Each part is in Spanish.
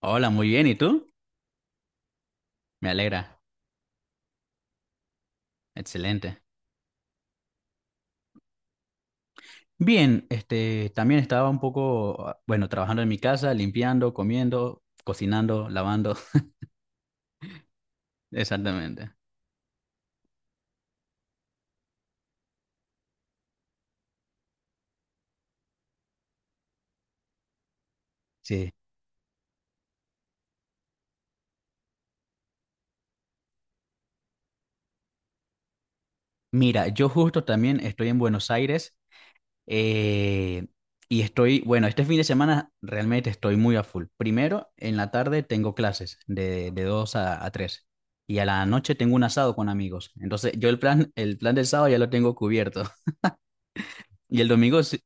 Hola, muy bien. ¿Y tú? Me alegra. Excelente. Bien, también estaba un poco, bueno, trabajando en mi casa, limpiando, comiendo, cocinando, lavando. Exactamente. Sí. Mira, yo justo también estoy en Buenos Aires, eh, y estoy, bueno, este fin de semana realmente estoy muy a full. Primero, en la tarde tengo clases de 2 a 3 y a la noche tengo un asado con amigos. Entonces, yo el plan del sábado ya lo tengo cubierto. Y el domingo sí—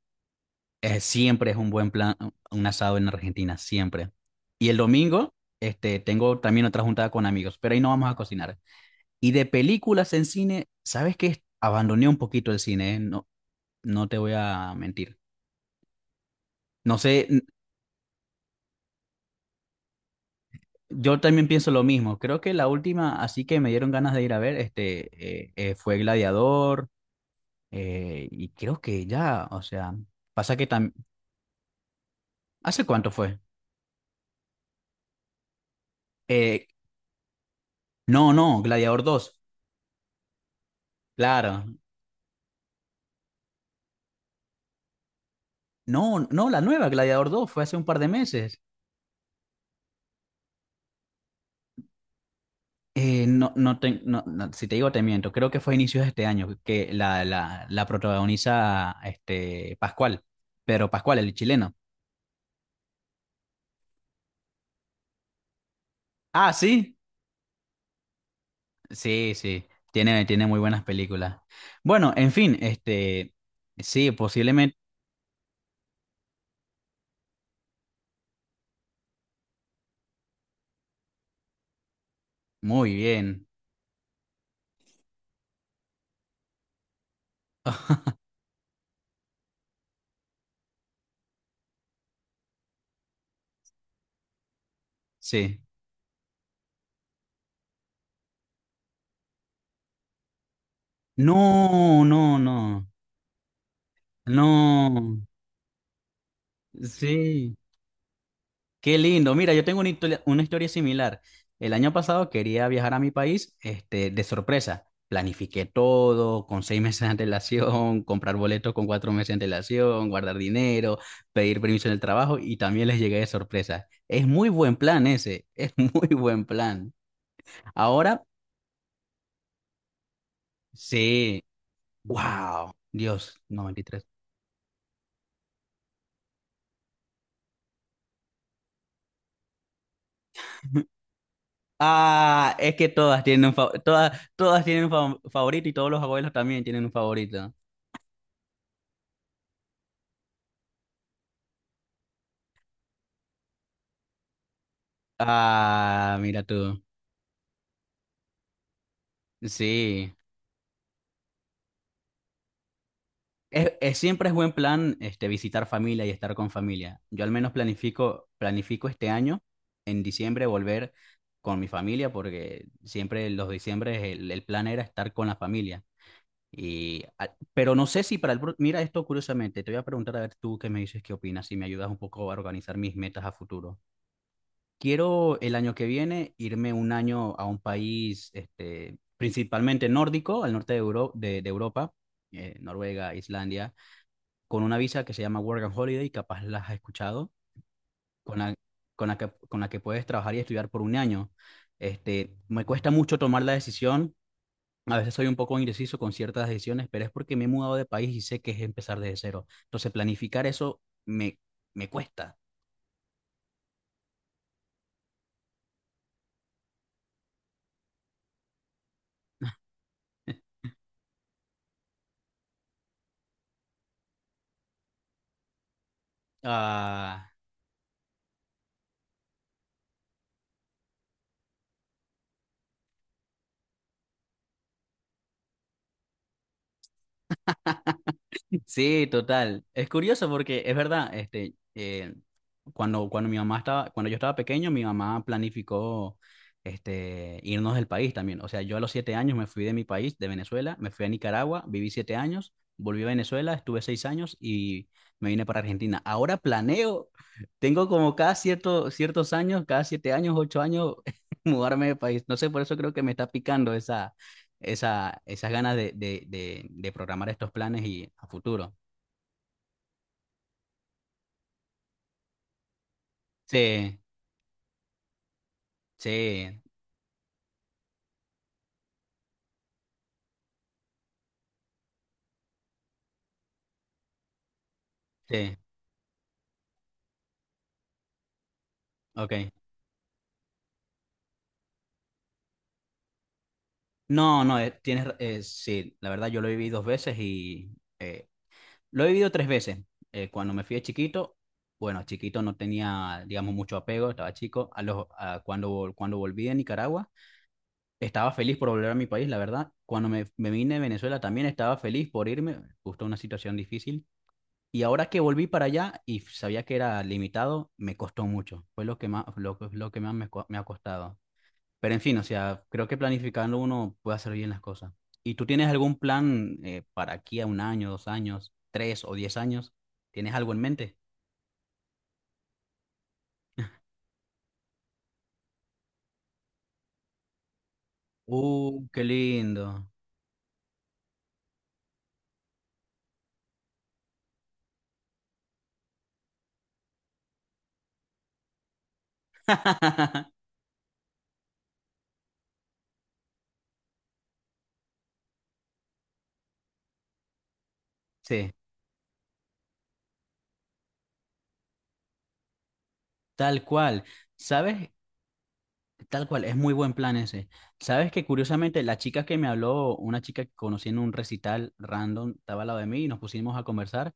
Siempre es un buen plan, un asado en Argentina, siempre. Y el domingo, tengo también otra juntada con amigos, pero ahí no vamos a cocinar. Y de películas en cine, ¿sabes qué? Abandoné un poquito el cine, no, no te voy a mentir. No sé, yo también pienso lo mismo. Creo que la última, así que me dieron ganas de ir a ver, fue Gladiador, y creo que ya, o sea, pasa que también... ¿Hace cuánto fue? Eh, no, no, Gladiador dos. Claro. No, no, la nueva Gladiador 2 fue hace un par de meses. No, no, no, no, si te digo te miento, creo que fue a inicios de este año que la protagoniza, Pascual, pero Pascual, el chileno. Ah, sí, sí, sí, tiene muy buenas películas. Bueno, en fin, sí, posiblemente, muy bien, sí. No, no, no, no, sí. Qué lindo. Mira, yo tengo una historia similar. El año pasado quería viajar a mi país, de sorpresa. Planifiqué todo con 6 meses de antelación, comprar boletos con 4 meses de antelación, guardar dinero, pedir permiso en el trabajo y también les llegué de sorpresa. Es muy buen plan ese, es muy buen plan. Ahora, sí, wow, Dios, 93. Ah, es que todas tienen un favorito y todos los abuelos también tienen un favorito. Ah, mira tú. Sí. Siempre es buen plan, visitar familia y estar con familia. Yo al menos planifico este año, en diciembre, volver con mi familia, porque siempre los diciembres el plan era estar con la familia. Pero no sé si mira esto curiosamente, te voy a preguntar a ver tú qué me dices, qué opinas, si me ayudas un poco a organizar mis metas a futuro. Quiero el año que viene irme un año a un país, principalmente nórdico, al norte de Europa, Noruega, Islandia, con una visa que se llama Work and Holiday, capaz las has escuchado, con la, con la que puedes trabajar y estudiar por un año. Me cuesta mucho tomar la decisión, a veces soy un poco indeciso con ciertas decisiones, pero es porque me he mudado de país y sé que es empezar desde cero. Entonces planificar eso me, me cuesta. Ah, sí, total. Es curioso porque es verdad, cuando mi mamá estaba, cuando yo estaba pequeño, mi mamá planificó, irnos del país también. O sea, yo a los 7 años me fui de mi país, de Venezuela, me fui a Nicaragua, viví 7 años, volví a Venezuela, estuve 6 años y me vine para Argentina. Ahora planeo, tengo como cada cierto, ciertos años, cada 7 años, 8 años, mudarme de país. No sé, por eso creo que me está picando esas ganas de programar estos planes y a futuro. Sí, sí, sí, ok. No, no, sí, la verdad yo lo viví dos veces y eh, lo he vivido tres veces. Cuando me fui de chiquito, bueno, chiquito no tenía, digamos, mucho apego, estaba chico. A los, a cuando, vol- Cuando volví de Nicaragua, estaba feliz por volver a mi país, la verdad. Cuando me vine de Venezuela también estaba feliz por irme, justo una situación difícil. Y ahora que volví para allá y sabía que era limitado, me costó mucho. Fue lo que más, lo que más me ha costado. Pero en fin, o sea, creo que planificando uno puede hacer bien las cosas. ¿Y tú tienes algún plan, para aquí a un año, 2 años, tres o 10 años? ¿Tienes algo en mente? ¡Uh, qué lindo! Sí, tal cual. ¿Sabes? Tal cual, es muy buen plan ese. ¿Sabes que curiosamente la chica que me habló, una chica que conocí en un recital random, estaba al lado de mí y nos pusimos a conversar?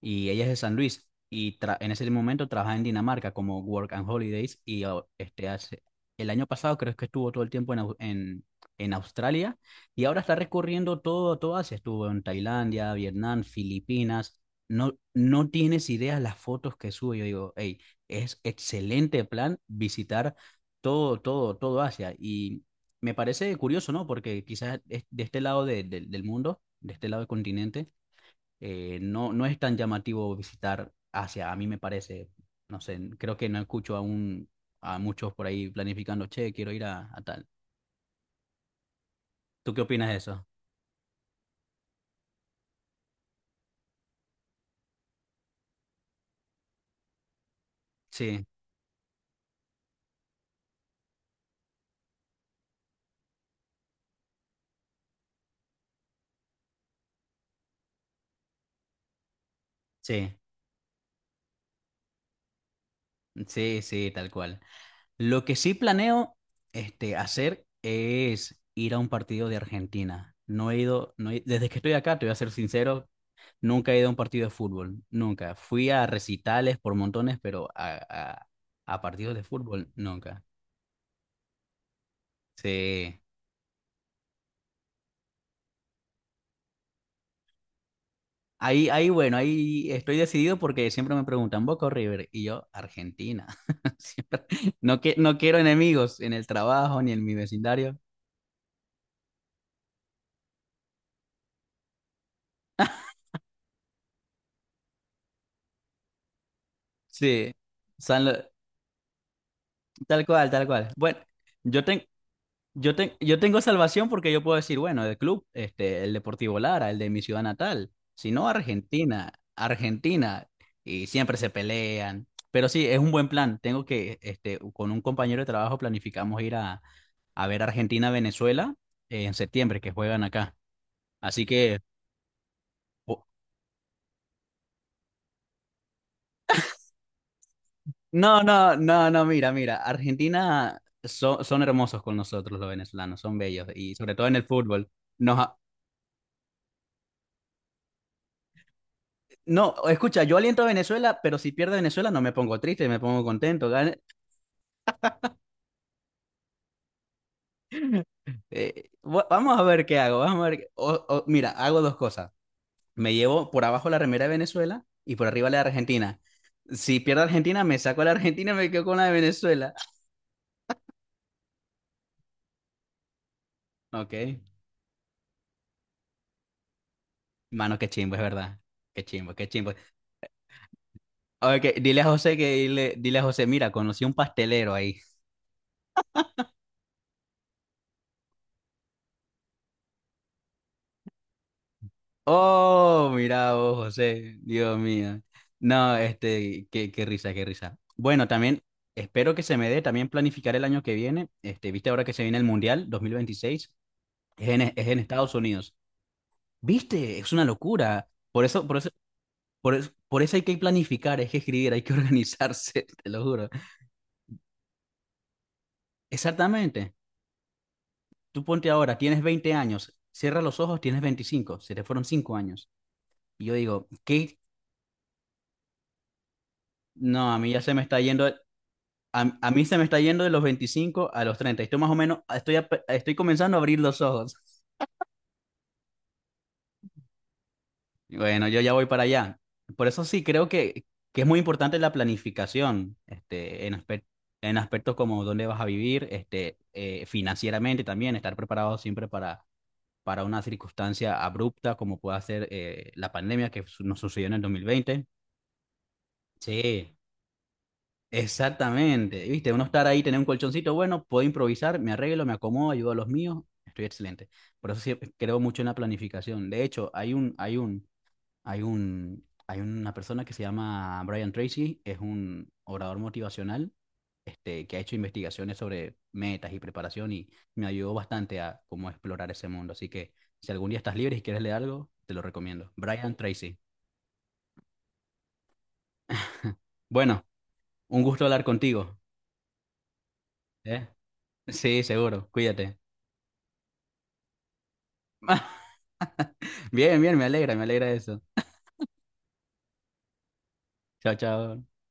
Y ella es de San Luis y en ese momento trabaja en Dinamarca como Work and Holidays. Y oh, hace el año pasado creo que estuvo todo el tiempo en Australia y ahora está recorriendo todo, todo Asia, estuvo en Tailandia, Vietnam, Filipinas. No, no tienes ideas las fotos que sube. Yo digo, hey, es excelente plan visitar todo, todo, todo Asia. Y me parece curioso, ¿no? Porque quizás es de este lado del mundo, de este lado del continente, no, no es tan llamativo visitar Asia, a mí me parece, no sé, creo que no escucho a un a muchos por ahí planificando, che, quiero ir a tal. ¿Tú qué opinas de eso? Sí, sí, sí, sí, tal cual. Lo que sí planeo, hacer es ir a un partido de Argentina. No he ido, no he- desde que estoy acá, te voy a ser sincero, nunca he ido a un partido de fútbol, nunca. Fui a recitales por montones, pero a partidos de fútbol, nunca. Sí. Ahí, ahí, bueno, ahí estoy decidido porque siempre me preguntan Boca o River y yo Argentina. Siempre- No, no quiero enemigos en el trabajo ni en mi vecindario. Sí. San Lo- Tal cual, tal cual. Bueno, yo, ten- yo tengo salvación porque yo puedo decir, bueno, el club, el Deportivo Lara, el de mi ciudad natal, si no Argentina, Argentina, y siempre se pelean. Pero sí, es un buen plan. Con un compañero de trabajo planificamos ir a ver Argentina-Venezuela, en septiembre, que juegan acá. Así que, po- no, no, no, no, mira, mira, Argentina son hermosos con nosotros los venezolanos, son bellos, y sobre todo en el fútbol. Nos, a- no, escucha, yo aliento a Venezuela, pero si pierde Venezuela no me pongo triste, me pongo contento. Vamos a ver qué hago, vamos a ver. Mira, hago dos cosas. Me llevo por abajo la remera de Venezuela y por arriba la de Argentina. Si pierdo Argentina, me saco a la Argentina y me quedo con la de Venezuela. Ok. Mano, qué chimbo, es verdad. Qué chimbo, qué chimbo. Ok, dile a José, mira, conocí un pastelero ahí. Oh, mira vos, José, Dios mío. No, qué risa, qué risa. Bueno, también espero que se me dé también planificar el año que viene. Viste ahora que se viene el Mundial 2026, es en Estados Unidos. Viste, es una locura. Por eso hay que planificar, hay que escribir, hay que organizarse, te lo juro. Exactamente. Tú ponte ahora, tienes 20 años, cierra los ojos, tienes 25, se te fueron 5 años. Y yo digo, ¿qué? No, a mí ya se me está yendo, a mí se me está yendo de los 25 a los 30. Estoy más o menos, estoy comenzando a abrir los ojos. Y bueno, yo ya voy para allá. Por eso sí, creo que es muy importante la planificación, en aspectos como dónde vas a vivir, financieramente también, estar preparado siempre para una circunstancia abrupta como pueda ser, la pandemia que nos sucedió en el 2020. Sí, exactamente. Viste, uno estar ahí, tener un colchoncito, bueno, puedo improvisar, me arreglo, me acomodo, ayudo a los míos, estoy excelente. Por eso sí, creo mucho en la planificación. De hecho, hay una persona que se llama Brian Tracy, es un orador motivacional, que ha hecho investigaciones sobre metas y preparación y me ayudó bastante a cómo explorar ese mundo. Así que si algún día estás libre y quieres leer algo, te lo recomiendo. Brian Tracy. Bueno, un gusto hablar contigo, ¿eh? Sí, seguro. Cuídate. Bien, bien, me alegra eso. Chao, chao.